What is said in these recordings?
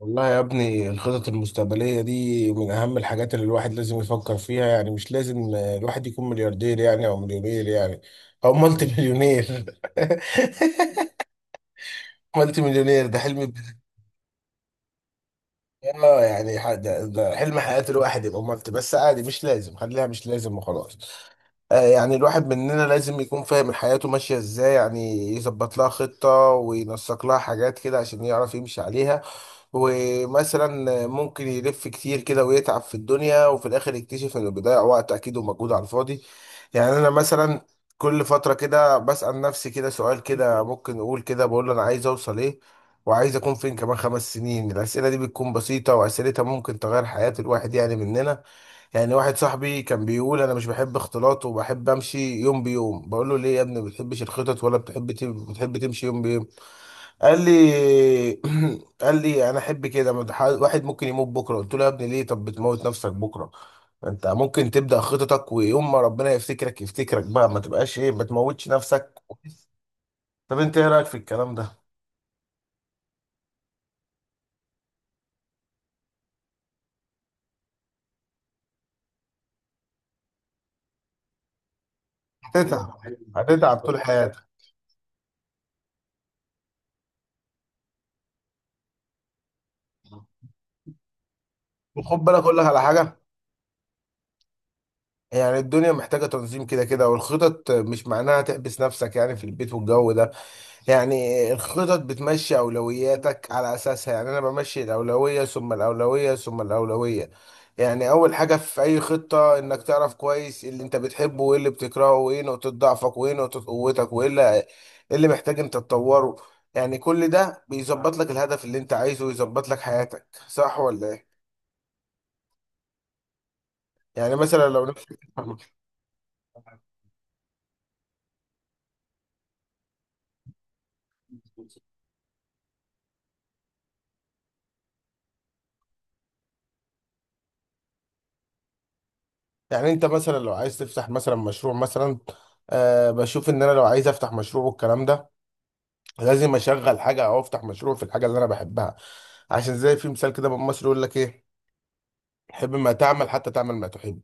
والله يا ابني الخطط المستقبلية دي من أهم الحاجات اللي الواحد لازم يفكر فيها. يعني مش لازم الواحد يكون ملياردير يعني أو مليونير يعني أو مالتي مليونير. مالتي مليونير ده حلم ده حلم حياة الواحد يبقى مالتي، بس عادي مش لازم، خليها مش لازم وخلاص. آه يعني الواحد مننا لازم يكون فاهم حياته ماشية إزاي، يعني يظبط لها خطة وينسق لها حاجات كده عشان يعرف يمشي عليها. ومثلا ممكن يلف كتير كده ويتعب في الدنيا، وفي الاخر يكتشف انه بيضيع وقت اكيد ومجهود على الفاضي. يعني انا مثلا كل فترة كده بسأل نفسي كده سؤال كده، ممكن اقول كده، بقول انا عايز اوصل ايه وعايز اكون فين كمان خمس سنين. الاسئلة دي بتكون بسيطة، واسئلتها ممكن تغير حياة الواحد يعني مننا. يعني واحد صاحبي كان بيقول انا مش بحب اختلاط وبحب امشي يوم بيوم. بقول له ليه يا ابني ما بتحبش الخطط، ولا بتحب بتحب تمشي يوم بيوم؟ قال لي، قال لي انا احب كده، ما ده واحد ممكن يموت بكره. قلت له يا ابني ليه؟ طب بتموت نفسك بكره؟ انت ممكن تبدا خططك، ويوم ما ربنا يفتكرك يفتكرك بقى، ما تبقاش ايه، ما تموتش نفسك. طب انت ايه رايك في الكلام ده؟ هتتعب، هتتعب طول حياتك. وخد بالك اقول لك على حاجه. يعني الدنيا محتاجه تنظيم كده كده، والخطط مش معناها تحبس نفسك يعني في البيت والجو ده. يعني الخطط بتمشي أولوياتك على أساسها، يعني أنا بمشي الأولوية ثم الأولوية ثم الأولوية. يعني أول حاجة في أي خطة، إنك تعرف كويس اللي أنت بتحبه وإيه اللي بتكرهه وإيه نقطة ضعفك وإيه نقطة قوتك وإيه اللي إيه اللي محتاج أنت تطوره. يعني كل ده بيظبط لك الهدف اللي أنت عايزه ويظبط لك حياتك، صح ولا إيه؟ يعني مثلا لو نفسك، يعني أنت مثلا لو عايز تفتح مثلا مشروع مثلا. أه، بشوف إن أنا لو عايز أفتح مشروع والكلام ده، لازم اشغل حاجه او افتح مشروع في الحاجه اللي انا بحبها. عشان زي في مثال كده من مصر يقول لك ايه: حب ما تعمل حتى تعمل ما تحب.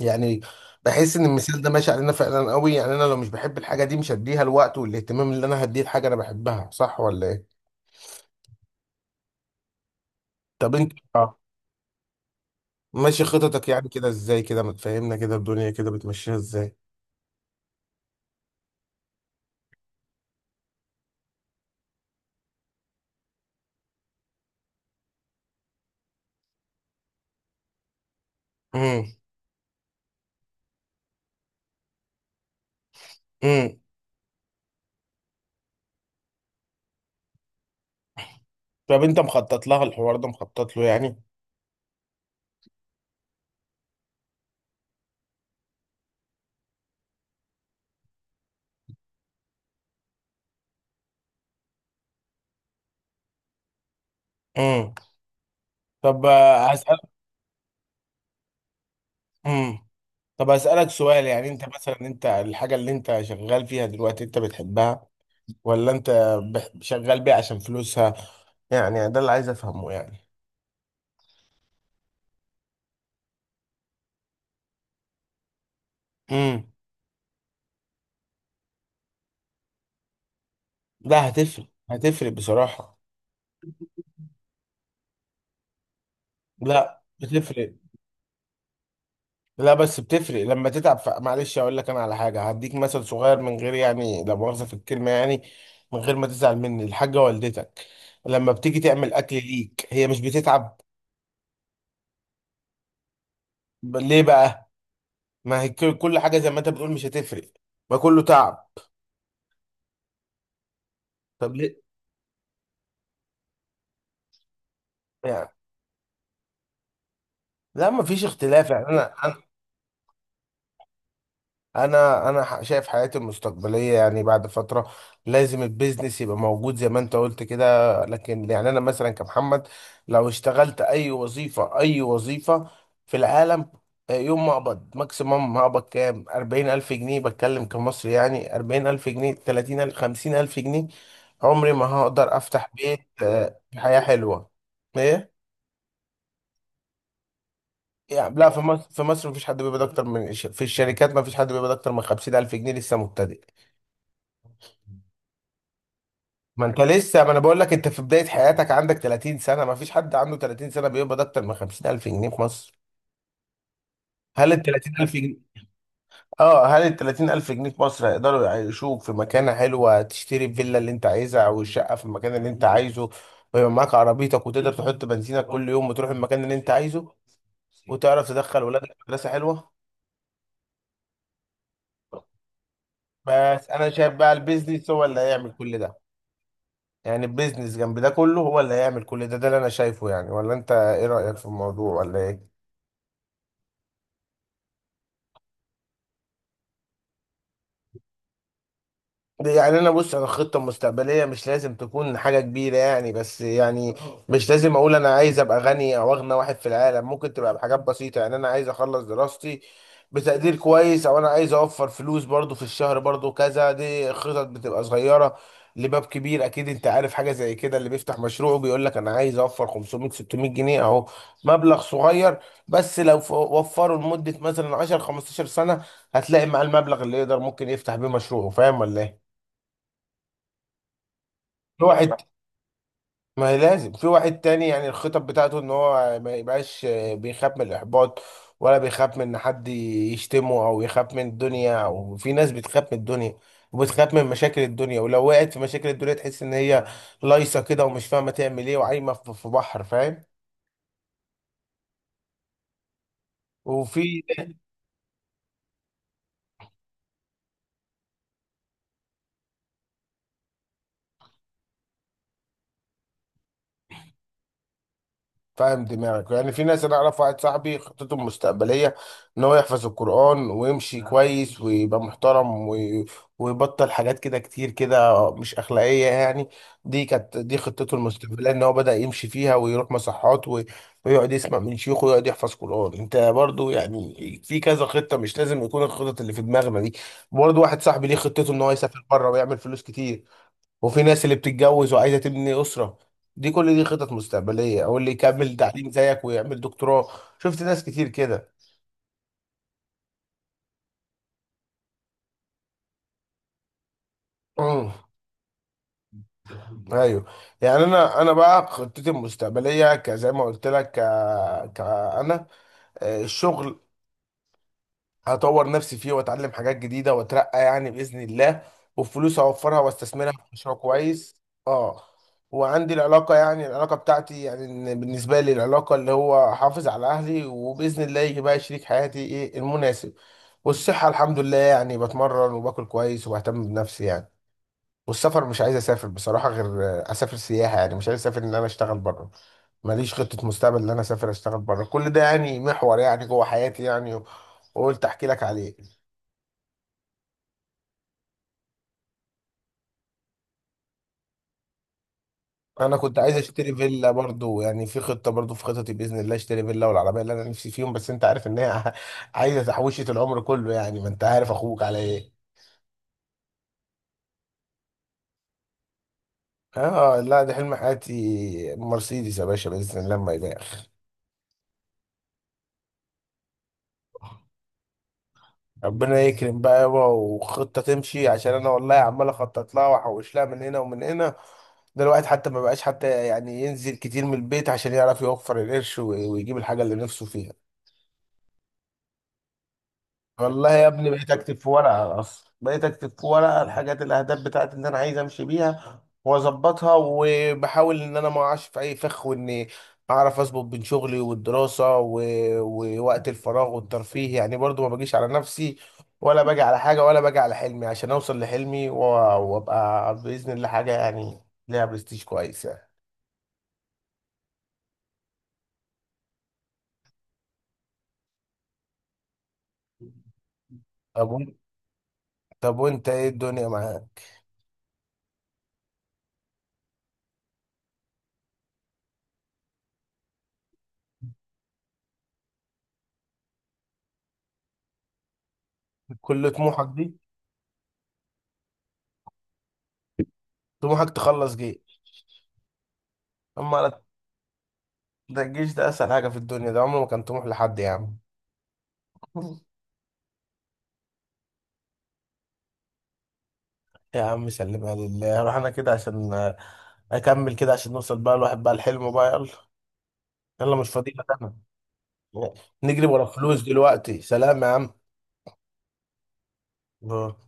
يعني بحس ان المثال ده ماشي علينا فعلا قوي، يعني انا لو مش بحب الحاجه دي مش هديها الوقت والاهتمام اللي انا هديه الحاجه انا بحبها، صح ولا ايه؟ طب انت اه ماشي خططك يعني كده ازاي كده؟ ما تفهمنا كده الدنيا كده بتمشيها ازاي. امم. امم. طب انت مخطط لها الحوار ده؟ مخطط له يعني؟ امم. طب هسألك. امم. طب أسألك سؤال، يعني انت مثلا انت الحاجة اللي انت شغال فيها دلوقتي انت بتحبها ولا انت شغال بيها عشان فلوسها؟ يعني ده اللي عايز افهمه يعني. امم. لا، هتفرق، هتفرق بصراحة. لا بتفرق، لا بس بتفرق لما تتعب، معلش اقول لك انا على حاجة، هديك مثل صغير من غير يعني لا مؤاخذة في الكلمة يعني، من غير ما تزعل مني، الحاجة والدتك لما بتيجي تعمل اكل ليك هي مش بتتعب؟ ليه بقى؟ ما هي كل حاجه زي ما انت بتقول مش هتفرق، ما كله تعب. طب ليه؟ يعني لا ما فيش اختلاف يعني انا شايف حياتي المستقبليه يعني بعد فتره لازم البيزنس يبقى موجود زي ما انت قلت كده. لكن يعني انا مثلا كمحمد لو اشتغلت اي وظيفه اي وظيفه في العالم، يوم ما اقبض ماكسيمم هقبض كام؟ 40000 جنيه بتكلم كمصري، يعني 40000 جنيه 30000 50000 جنيه، عمري ما هقدر افتح بيت بحياه حلوه. ايه؟ يعني لا، في مصر، في مصر مفيش حد بيقبض اكتر من في الشركات مفيش حد بيقبض اكتر من 50000 جنيه لسه مبتدئ. ما انت لسه، ما انا بقول لك انت في بداية حياتك، عندك 30 سنة، مفيش حد عنده 30 سنة بيقبض اكتر من 50000 جنيه في مصر. هل ال 30000 جنيه، اه، هل ال 30000 جنيه في مصر هيقدروا يعيشوك في مكانة حلوة تشتري الفيلا اللي انت عايزها او الشقة في المكان اللي انت عايزه، ويبقى معاك عربيتك وتقدر تحط بنزينك كل يوم وتروح المكان اللي انت عايزه، وتعرف تدخل ولادك مدرسة حلوة؟ بس انا شايف بقى البيزنس هو اللي هيعمل كل ده، يعني البيزنس جنب ده كله هو اللي هيعمل كل ده، ده اللي انا شايفه يعني. ولا انت ايه رأيك في الموضوع ولا ايه؟ يعني انا بص انا خطه مستقبليه مش لازم تكون حاجه كبيره يعني، بس يعني مش لازم اقول انا عايز ابقى غني او اغنى واحد في العالم، ممكن تبقى بحاجات بسيطه يعني انا عايز اخلص دراستي بتقدير كويس، او انا عايز اوفر فلوس برضو في الشهر برضو كذا. دي خطط بتبقى صغيره لباب كبير. اكيد انت عارف حاجه زي كده اللي بيفتح مشروع بيقول لك انا عايز اوفر 500 600 جنيه. اهو مبلغ صغير، بس لو وفره لمده مثلا 10 15 سنه، هتلاقي مع المبلغ اللي يقدر ممكن يفتح بيه مشروعه. فاهم ولا ايه؟ في واحد، ما هي لازم، في واحد تاني يعني الخطط بتاعته ان هو ما يبقاش بيخاف من الاحباط، ولا بيخاف من ان حد يشتمه، او يخاف من الدنيا. او في ناس بتخاف من الدنيا وبتخاف من مشاكل الدنيا، ولو وقعت في مشاكل الدنيا تحس ان هي لايصه كده ومش فاهمه تعمل ايه، وعايمه في بحر، فاهم؟ وفي، فاهم دماغك يعني. في ناس، انا اعرف واحد صاحبي خطته المستقبليه ان هو يحفظ القران، ويمشي كويس ويبقى محترم ويبطل حاجات كده كتير كده مش اخلاقيه يعني. دي كانت، دي خطته المستقبليه ان هو بدا يمشي فيها، ويروح مصحات ويقعد يسمع من شيوخه ويقعد يحفظ قران. انت برضو يعني في كذا خطه، مش لازم يكون الخطط اللي في دماغنا دي. برضو واحد صاحبي ليه خطته ان هو يسافر بره ويعمل فلوس كتير، وفي ناس اللي بتتجوز وعايزه تبني اسره. دي كل دي خطط مستقبليه، او اللي يكمل تعليم زيك ويعمل دكتوراه. شفت ناس كتير كده. أمم. ايوه. يعني انا بقى خطتي المستقبليه كزي ما قلت لك انا الشغل هطور نفسي فيه واتعلم حاجات جديده واترقى يعني باذن الله، والفلوس اوفرها واستثمرها في مشروع كويس. اه. وعندي العلاقه، يعني العلاقه بتاعتي يعني إن بالنسبه لي العلاقه اللي هو احافظ على اهلي، وباذن الله يجي بقى شريك حياتي ايه المناسب. والصحه الحمد لله يعني بتمرن وباكل كويس وبهتم بنفسي يعني. والسفر مش عايز اسافر بصراحه غير اسافر سياحه يعني، مش عايز اسافر ان انا اشتغل بره. ماليش خطه مستقبل ان انا اسافر اشتغل بره. كل ده يعني محور يعني جوه حياتي يعني، وقلت احكي لك عليه. انا كنت عايز اشتري فيلا برضو، يعني في خطه برضو، في خططي باذن الله اشتري فيلا والعربيه اللي انا نفسي فيهم، بس انت عارف ان هي عايزه تحويشه العمر كله يعني، ما انت عارف اخوك على ايه. اه لا، ده حلم حياتي مرسيدس يا باشا، باذن الله ما يبالغ. ربنا يكرم بقى يابا، وخطه تمشي عشان انا والله عمال اخطط لها واحوش لها من هنا ومن هنا. ده الواحد حتى ما بقاش حتى يعني ينزل كتير من البيت، عشان يعرف يوفر القرش ويجيب الحاجه اللي نفسه فيها. والله يا ابني بقيت اكتب في ورقه، اصلا بقيت اكتب في ورقه الحاجات الاهداف بتاعتي اللي انا عايز امشي بيها واظبطها، وبحاول ان انا ما اقعش في اي فخ، واني اعرف اظبط بين شغلي والدراسه ووقت الفراغ والترفيه يعني، برضو ما باجيش على نفسي، ولا باجي على حاجه، ولا باجي على حلمي عشان اوصل لحلمي وابقى باذن الله حاجه يعني ليها برستيج كويس يعني. طب وانت، طب وانت ايه الدنيا معاك؟ كل طموحك دي؟ طموحك تخلص جيش؟ اما انا، ده الجيش ده اسهل حاجه في الدنيا، ده عمره ما كان طموح لحد يا عم. يا عم سلمها لله، روح. انا كده عشان اكمل كده عشان نوصل بقى الواحد بقى الحلم بقى، يلا يلا، مش فاضي لك انا، نجري ورا فلوس دلوقتي. سلام يا عم. آه.